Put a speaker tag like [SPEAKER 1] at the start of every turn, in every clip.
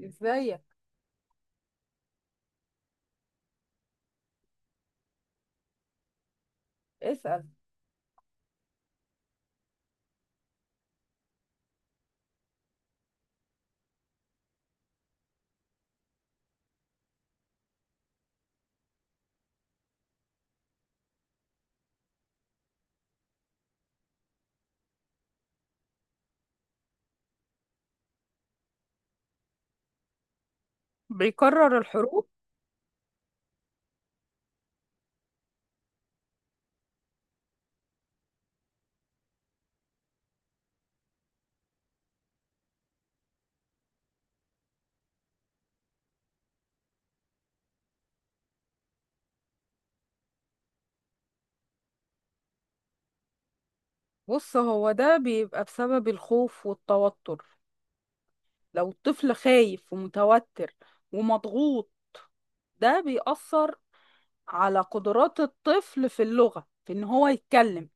[SPEAKER 1] ازيك؟ اسأل. بيكرر الحروف؟ بص، هو ده بيبقى بسبب الخوف والتوتر. لو الطفل خايف ومتوتر ومضغوط ده بيأثر على قدرات الطفل في اللغة في ان هو يتكلم.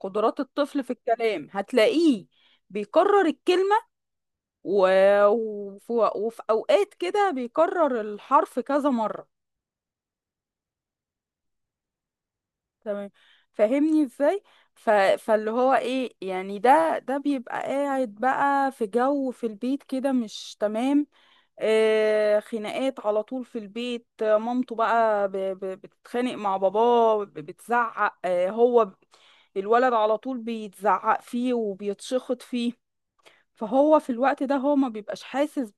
[SPEAKER 1] قدرات الطفل في الكلام هتلاقيه بيكرر الكلمة و... وفي أوقات كده بيكرر الحرف كذا مرة. تمام. فاهمني ازاي. ف... فاللي هو ايه يعني ده بيبقى قاعد بقى في جو في البيت كده مش تمام. خناقات على طول في البيت، مامته بقى بتتخانق مع باباه بتزعق. الولد على طول بيتزعق فيه وبيتشخط فيه. فهو في الوقت ده هو ما بيبقاش حاسس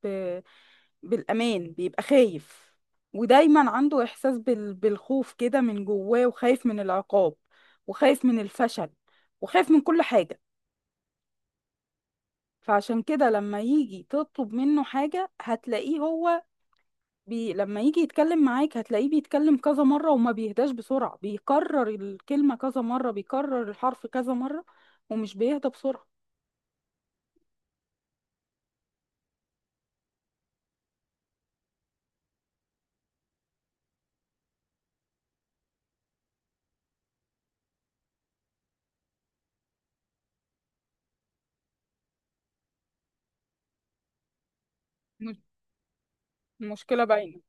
[SPEAKER 1] بالأمان، بيبقى خايف، ودايما عنده إحساس بالخوف كده من جواه، وخايف من العقاب وخايف من الفشل وخايف من كل حاجة. فعشان كده لما يجي تطلب منه حاجة هتلاقيه لما يجي يتكلم معاك هتلاقيه بيتكلم كذا مرة، وما بيهداش بسرعة، بيكرر الكلمة كذا مرة، بيكرر الحرف كذا مرة، ومش بيهدى بسرعة. م- المشكلة باينة.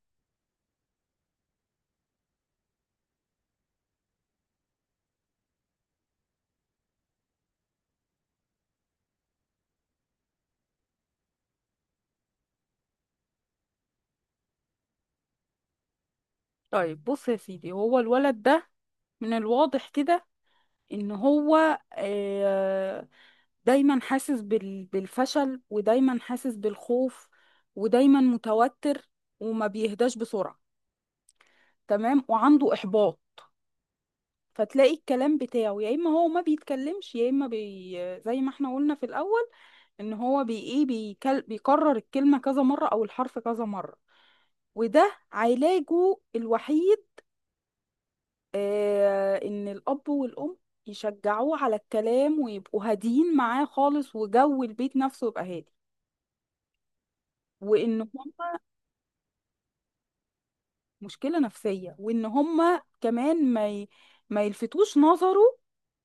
[SPEAKER 1] طيب بص يا سيدي، هو الولد ده من الواضح كده ان هو دايما حاسس بالفشل، ودايما حاسس بالخوف، ودايما متوتر، وما بيهداش بسرعة. تمام، وعنده إحباط. فتلاقي الكلام بتاعه يا إما هو ما بيتكلمش، يا إما زي ما احنا قلنا في الأول، إن هو بي إيه بيكرر الكلمة كذا مرة أو الحرف كذا مرة. وده علاجه الوحيد. ان الاب والام يشجعوه على الكلام ويبقوا هاديين معاه خالص، وجو البيت نفسه يبقى هادي، وان هم. مشكله نفسيه. وان هم كمان ما يلفتوش نظره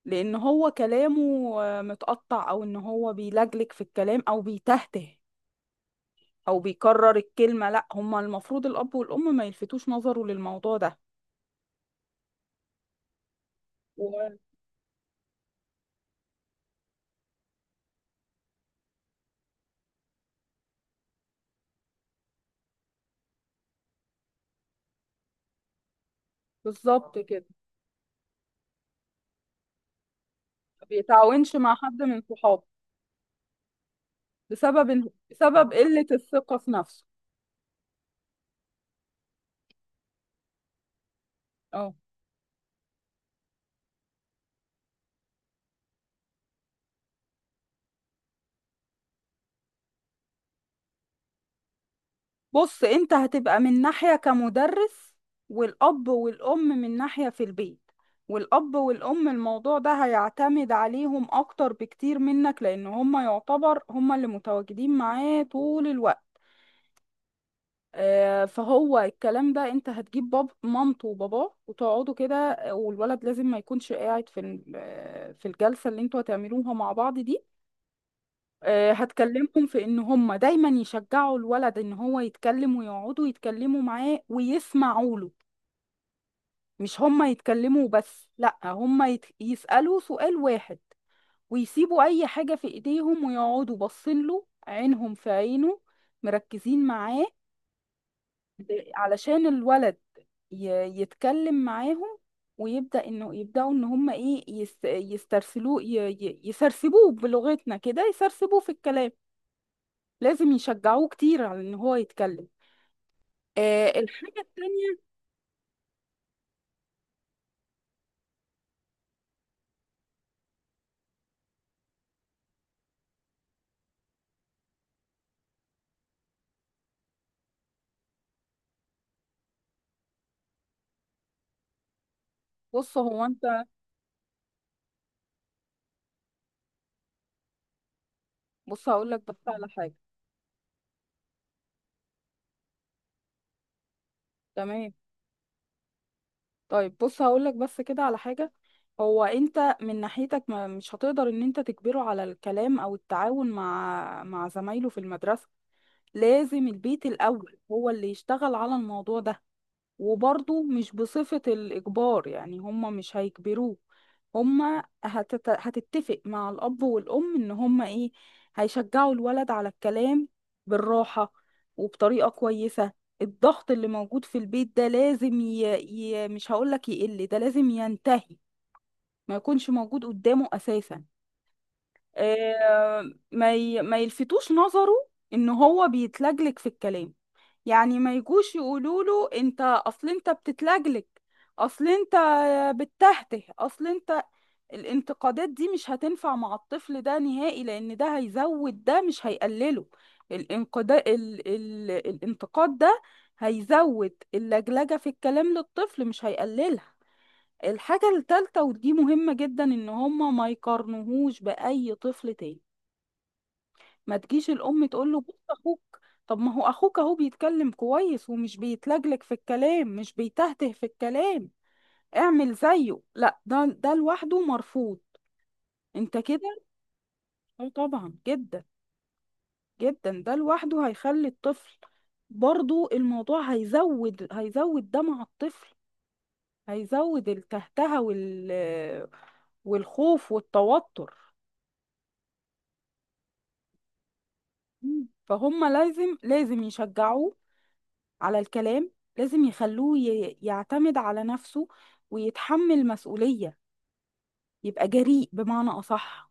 [SPEAKER 1] لان هو كلامه متقطع، او ان هو بيلجلج في الكلام او بيتهته او بيكرر الكلمه. لا هم المفروض الاب والام ما يلفتوش نظره للموضوع ده. و- بالظبط كده. ما بيتعاونش مع حد من صحابه بسبب قله الثقه في نفسه. اه. بص انت هتبقى من ناحية كمدرس، والأب والأم من ناحية في البيت، والأب والأم الموضوع ده هيعتمد عليهم أكتر بكتير منك، لأن هما يعتبر هما اللي متواجدين معاه طول الوقت. فهو الكلام ده انت هتجيب باب مامته وباباه وتقعدوا كده، والولد لازم ما يكونش قاعد في في الجلسة اللي انتوا هتعملوها مع بعض دي. هتكلمهم في ان هم دايما يشجعوا الولد ان هو يتكلم، ويقعدوا يتكلموا معاه ويسمعوا له. مش هم يتكلموا بس، لا هم يسألوا سؤال واحد ويسيبوا اي حاجة في ايديهم، ويقعدوا باصين له عينهم في عينه، مركزين معاه، علشان الولد ي... يتكلم معاهم ويبدأ انه يبدأوا ان هم ايه يسترسلوه يسرسبوه بلغتنا كده، يسرسبوه في الكلام. لازم يشجعوه كتير على ان هو يتكلم. الحاجة التانية. بص هو انت بص هقول لك بس على حاجة. تمام. طيب بص هقول لك بس كده على حاجة. هو انت من ناحيتك ما مش هتقدر ان انت تجبره على الكلام او التعاون مع زمايله في المدرسة. لازم البيت الاول هو اللي يشتغل على الموضوع ده. وبرضه مش بصفة الإجبار، يعني هما مش هيجبروه، هما هتتفق مع الأب والأم إن هما إيه هيشجعوا الولد على الكلام، بالراحة وبطريقة كويسة. الضغط اللي موجود في البيت ده لازم مش هقولك يقل، ده لازم ينتهي، ما يكونش موجود قدامه أساسا. ما يلفتوش نظره إن هو بيتلجلج في الكلام، يعني ما يجوش يقولوا له انت اصل انت بتتلجلج، اصل انت بتتهته، اصل انت. الانتقادات دي مش هتنفع مع الطفل ده نهائي، لان ده هيزود ده مش هيقلله. الانتقاد ده هيزود اللجلجة في الكلام للطفل مش هيقللها. الحاجة التالتة ودي مهمة جدا، ان هما ما يقارنوهوش بأي طفل تاني، ما تجيش الام تقول له بص اخوك، طب ما هو اخوك اهو بيتكلم كويس ومش بيتلجلج في الكلام، مش بيتهته في الكلام، اعمل زيه. لا، ده لوحده مرفوض. انت كده. اه طبعا جدا جدا، ده لوحده هيخلي الطفل برضو، الموضوع هيزود ده مع الطفل، هيزود التهتهة والخوف والتوتر. فهم لازم يشجعوه على الكلام، لازم يخلوه يعتمد على نفسه ويتحمل مسؤولية، يبقى جريء بمعنى أصح.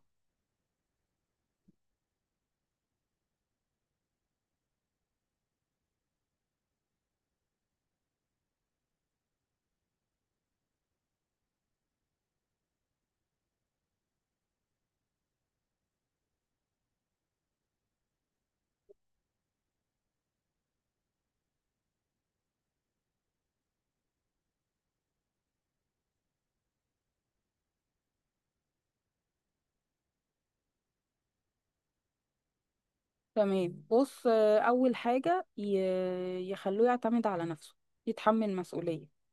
[SPEAKER 1] تمام. بص أول حاجة يخلوه يعتمد على نفسه، يتحمل مسؤولية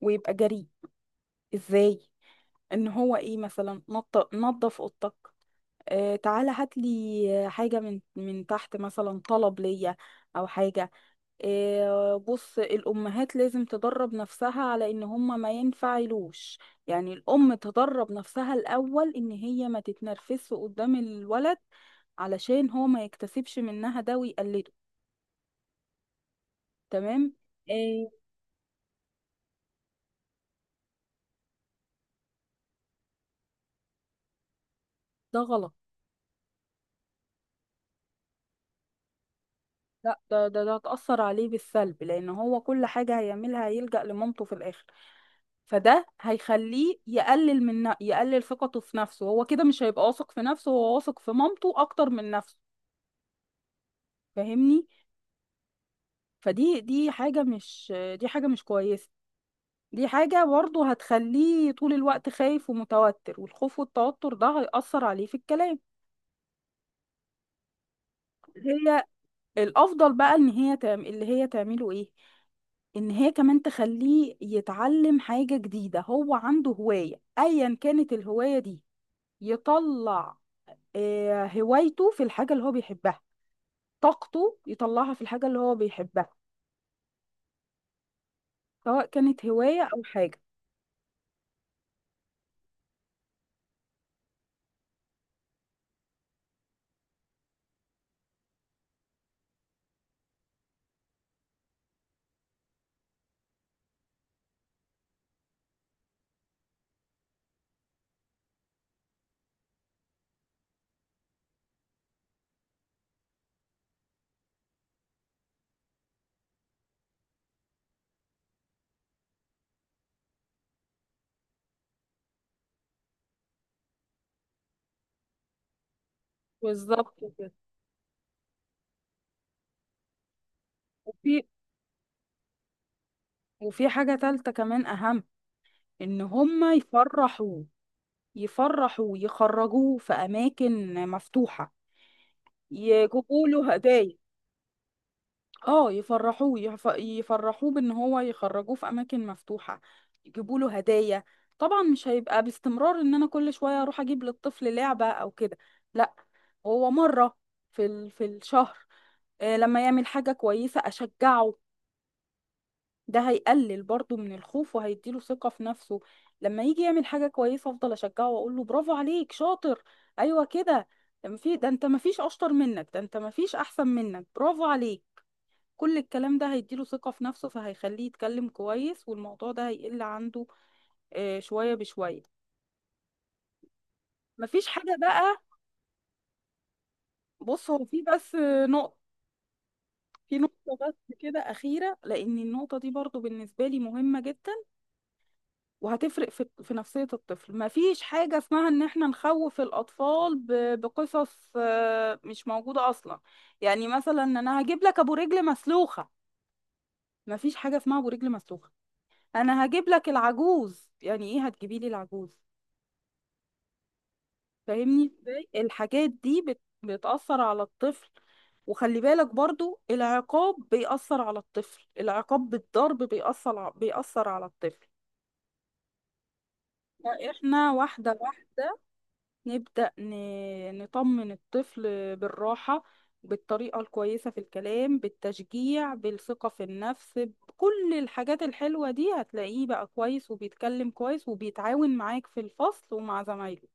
[SPEAKER 1] ويبقى جريء. إزاي؟ إن هو إيه مثلا نظف أوضتك، تعالى هات لي حاجة من تحت مثلا، طلب ليا أو حاجة. بص، الأمهات لازم تدرب نفسها على إن هما ما ينفعلوش، يعني الأم تدرب نفسها الأول إن هي ما تتنرفزش قدام الولد علشان هو ما يكتسبش منها ده ويقلده. تمام. إيه؟ ده غلط. لا ده هتأثر عليه بالسلب، لأن هو كل حاجة هيعملها هيلجأ لمامته في الآخر، فده هيخليه يقلل يقلل ثقته في نفسه، هو كده مش هيبقى واثق في نفسه، هو واثق في مامته أكتر من نفسه. فاهمني؟ فدي دي حاجة مش دي حاجة مش كويسة، دي حاجة برضه هتخليه طول الوقت خايف ومتوتر، والخوف والتوتر ده هيأثر عليه في الكلام. هي الأفضل بقى إن هي اللي هي تعمله إيه، إن هي كمان تخليه يتعلم حاجة جديدة، هو عنده هواية أيا كانت الهواية دي، يطلع هوايته في الحاجة اللي هو بيحبها، طاقته يطلعها في الحاجة اللي هو بيحبها، سواء كانت هواية أو حاجة. بالظبط كده. وفي وفي حاجة تالتة كمان أهم، إن هما يفرحوا يخرجوه في أماكن مفتوحة، يجيبوا له هدايا. اه يفرحوه يفرحوه بإن هو يخرجوه في أماكن مفتوحة، يجيبوا له هدايا. طبعا مش هيبقى باستمرار إن أنا كل شوية أروح أجيب للطفل لعبة أو كده، لا، هو مرة في الشهر، لما يعمل حاجة كويسة أشجعه. ده هيقلل برضه من الخوف وهيديله ثقة في نفسه. لما يجي يعمل حاجة كويسة افضل اشجعه واقول له برافو عليك، شاطر، ايوه كده، في ده، انت مفيش اشطر منك، ده انت مفيش احسن منك، برافو عليك. كل الكلام ده هيديله ثقة في نفسه، فهيخليه يتكلم كويس، والموضوع ده هيقل عنده شوية بشوية. مفيش حاجة بقى. بص هو في بس، نقطة. في نقطة بس كده أخيرة، لأن النقطة دي برضو بالنسبة لي مهمة جدا، وهتفرق في نفسية الطفل. مفيش حاجة اسمها ان احنا نخوف الاطفال بقصص مش موجودة اصلا، يعني مثلا انا هجيب لك ابو رجل مسلوخة. مفيش حاجة اسمها ابو رجل مسلوخة، انا هجيب لك العجوز، يعني ايه هتجيبي لي العجوز؟ فاهمني ازاي الحاجات دي بتأثر على الطفل. وخلي بالك برضو العقاب بيأثر على الطفل، العقاب بالضرب بيأثر بيأثر على الطفل. فاحنا واحدة واحدة نبدأ نطمن الطفل بالراحة، بالطريقة الكويسة في الكلام، بالتشجيع، بالثقة في النفس، بكل الحاجات الحلوة دي، هتلاقيه بقى كويس وبيتكلم كويس وبيتعاون معاك في الفصل ومع زمايله.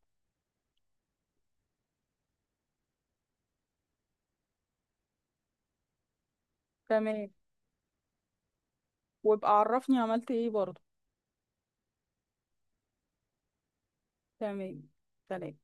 [SPEAKER 1] تمام. وابقى عرفني عملت ايه برضه. تمام. سلام.